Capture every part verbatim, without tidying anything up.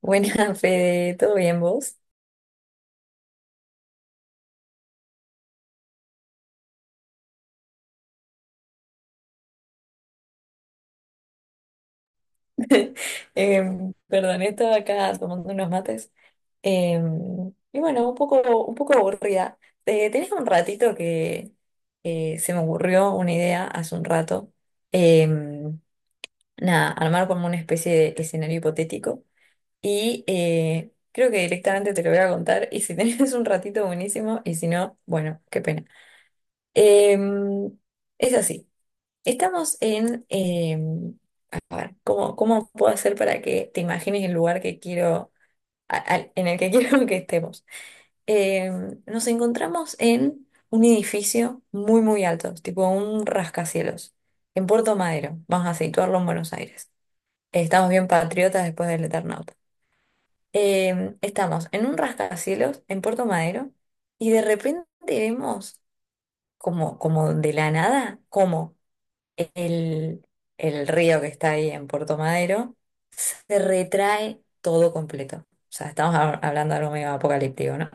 Buena, Fede, ¿todo bien vos? Em, perdón, estaba acá tomando unos mates. Em, y bueno, un poco, un poco aburrida. Eh, tenés un ratito que eh, se me ocurrió una idea hace un rato. Em, Nada, armar como una especie de escenario hipotético. Y eh, creo que directamente te lo voy a contar. Y si tenés un ratito, buenísimo. Y si no, bueno, qué pena. Em, es así. Estamos en, eh, a ver, ¿cómo, cómo puedo hacer para que te imagines el lugar que quiero, a- al- en el que quiero que estemos? Eh, Nos encontramos en un edificio muy, muy alto, tipo un rascacielos, en Puerto Madero. Vamos a situarlo en Buenos Aires. Estamos bien patriotas después del Eternauta. Eh, estamos en un rascacielos en Puerto Madero y de repente vemos como, como de la nada, como el, el río que está ahí en Puerto Madero, se retrae todo completo. O sea, estamos hab- hablando de algo medio apocalíptico, ¿no?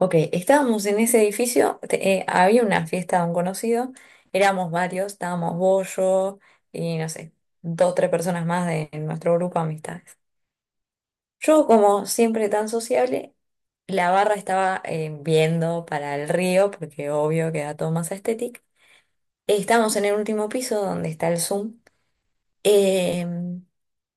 Ok, estábamos en ese edificio, te- eh, había una fiesta de un conocido, éramos varios, estábamos vos, yo y no sé, dos, tres personas más de nuestro grupo de amistades. Yo, como siempre tan sociable, la barra estaba eh, viendo para el río, porque obvio queda todo más estético. Estamos en el último piso donde está el Zoom. Eh,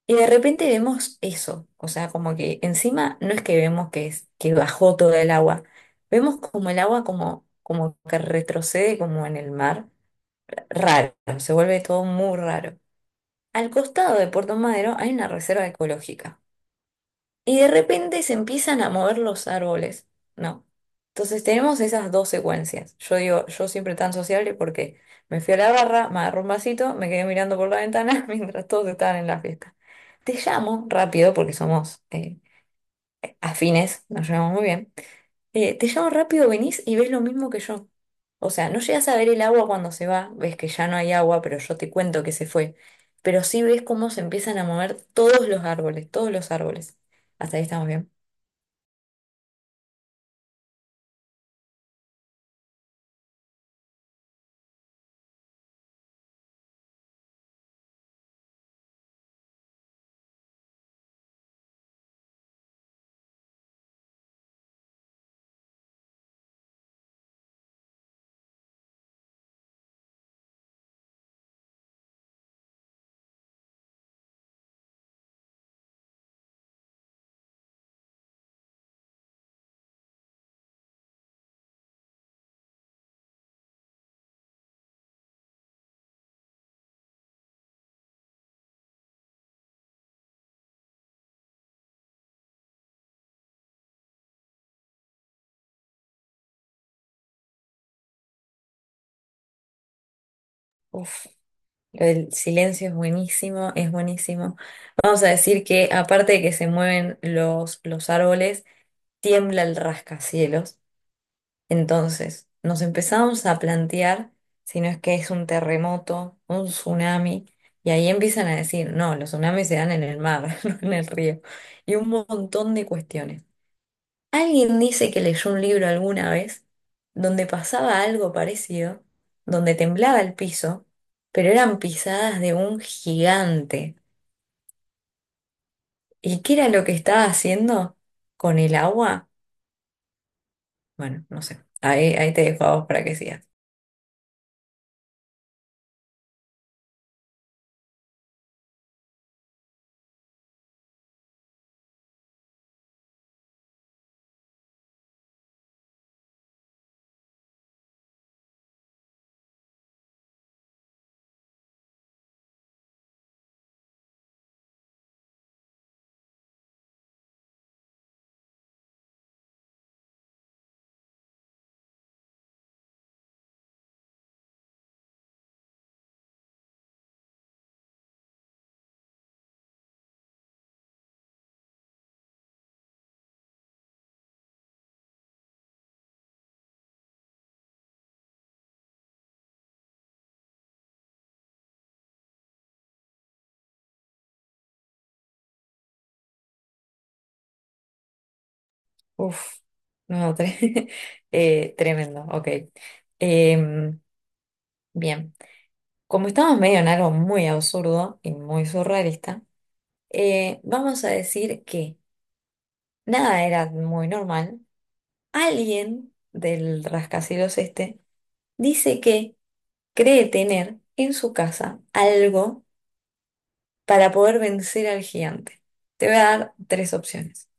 y de repente vemos eso, o sea, como que encima no es que vemos que, es, que bajó todo el agua, vemos como el agua como, como que retrocede como en el mar, raro, se vuelve todo muy raro. Al costado de Puerto Madero hay una reserva ecológica. Y de repente se empiezan a mover los árboles, ¿no? Entonces tenemos esas dos secuencias. Yo digo, yo siempre tan sociable porque me fui a la barra, me agarré un vasito, me quedé mirando por la ventana mientras todos estaban en la fiesta. Te llamo rápido porque somos eh, afines, nos llevamos muy bien. Eh, te llamo rápido, venís y ves lo mismo que yo. O sea, no llegas a ver el agua cuando se va, ves que ya no hay agua, pero yo te cuento que se fue. Pero sí ves cómo se empiezan a mover todos los árboles, todos los árboles. Hasta ahí estamos bien. Uf, lo del silencio es buenísimo, es buenísimo. Vamos a decir que aparte de que se mueven los, los árboles, tiembla el rascacielos. Entonces, nos empezamos a plantear si no es que es un terremoto, un tsunami, y ahí empiezan a decir, no, los tsunamis se dan en el mar, no en el río, y un montón de cuestiones. Alguien dice que leyó un libro alguna vez donde pasaba algo parecido, donde temblaba el piso, pero eran pisadas de un gigante. ¿Y qué era lo que estaba haciendo con el agua? Bueno, no sé. Ahí, ahí te dejo a vos para que sigas. Uf, no, tre- eh, tremendo, ok. Em, Bien, como estamos medio en algo muy absurdo y muy surrealista, eh, vamos a decir que nada era muy normal. Alguien del rascacielos este dice que cree tener en su casa algo para poder vencer al gigante. Te voy a dar tres opciones.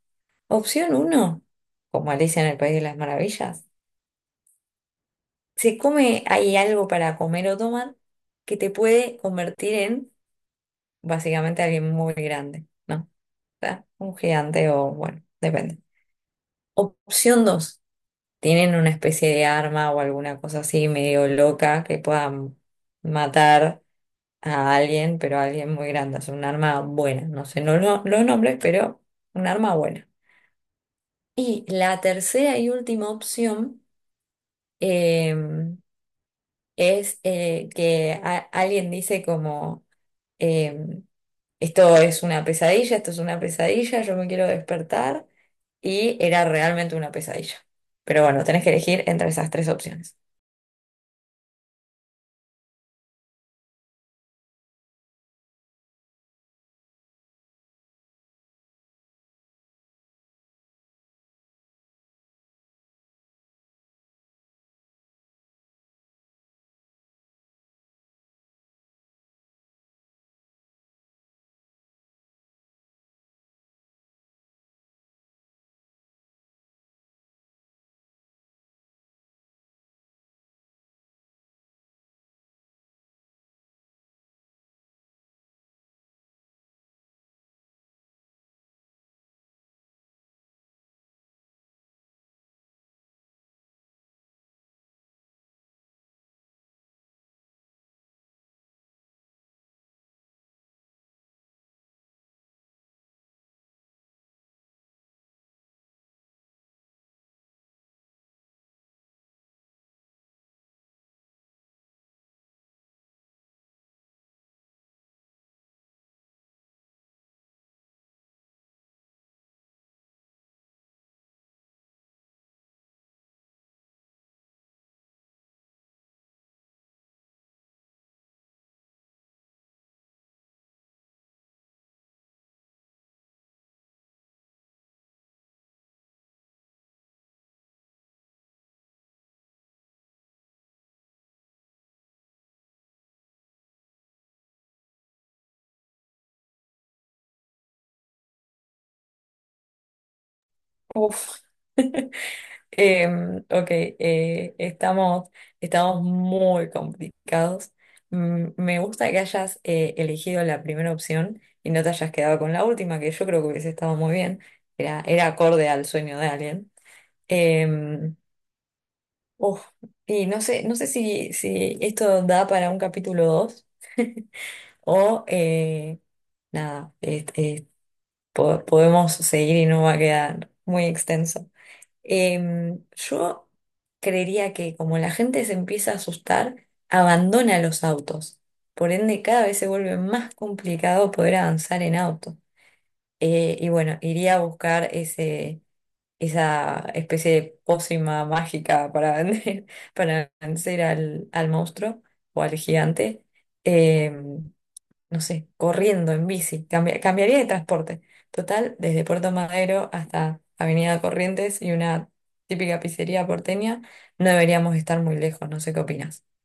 Opción uno, como Alicia en el País de las Maravillas, se come, hay algo para comer o tomar que te puede convertir en básicamente alguien muy grande, ¿no? O sea, un gigante o bueno, depende. Opción dos. ¿Tienen una especie de arma o alguna cosa así medio loca que puedan matar a alguien, pero a alguien muy grande? Es un arma buena, no sé, no lo, los nombres, pero un arma buena. Y la tercera y última opción eh, es eh, que a- alguien dice como, eh, esto es una pesadilla, esto es una pesadilla, yo me quiero despertar y era realmente una pesadilla. Pero bueno, tenés que elegir entre esas tres opciones. Uf. Em, ok, eh, estamos, estamos muy complicados. Mm, me gusta que hayas eh, elegido la primera opción y no te hayas quedado con la última, que yo creo que hubiese estado muy bien. Era, era acorde al sueño de alguien. Em, Uf, y no sé, no sé si, si esto da para un capítulo dos o eh, nada, este, po- podemos seguir y no va a quedar muy extenso. Em, yo creería que como la gente se empieza a asustar, abandona los autos. Por ende, cada vez se vuelve más complicado poder avanzar en auto. Eh, y bueno, iría a buscar ese, esa especie de pócima mágica para vender, para vencer al, al monstruo o al gigante. Em, no sé, corriendo en bici, Cambia- cambiaría de transporte. Total, desde Puerto Madero hasta Avenida Corrientes y una típica pizzería porteña, no deberíamos estar muy lejos, no sé qué opinas.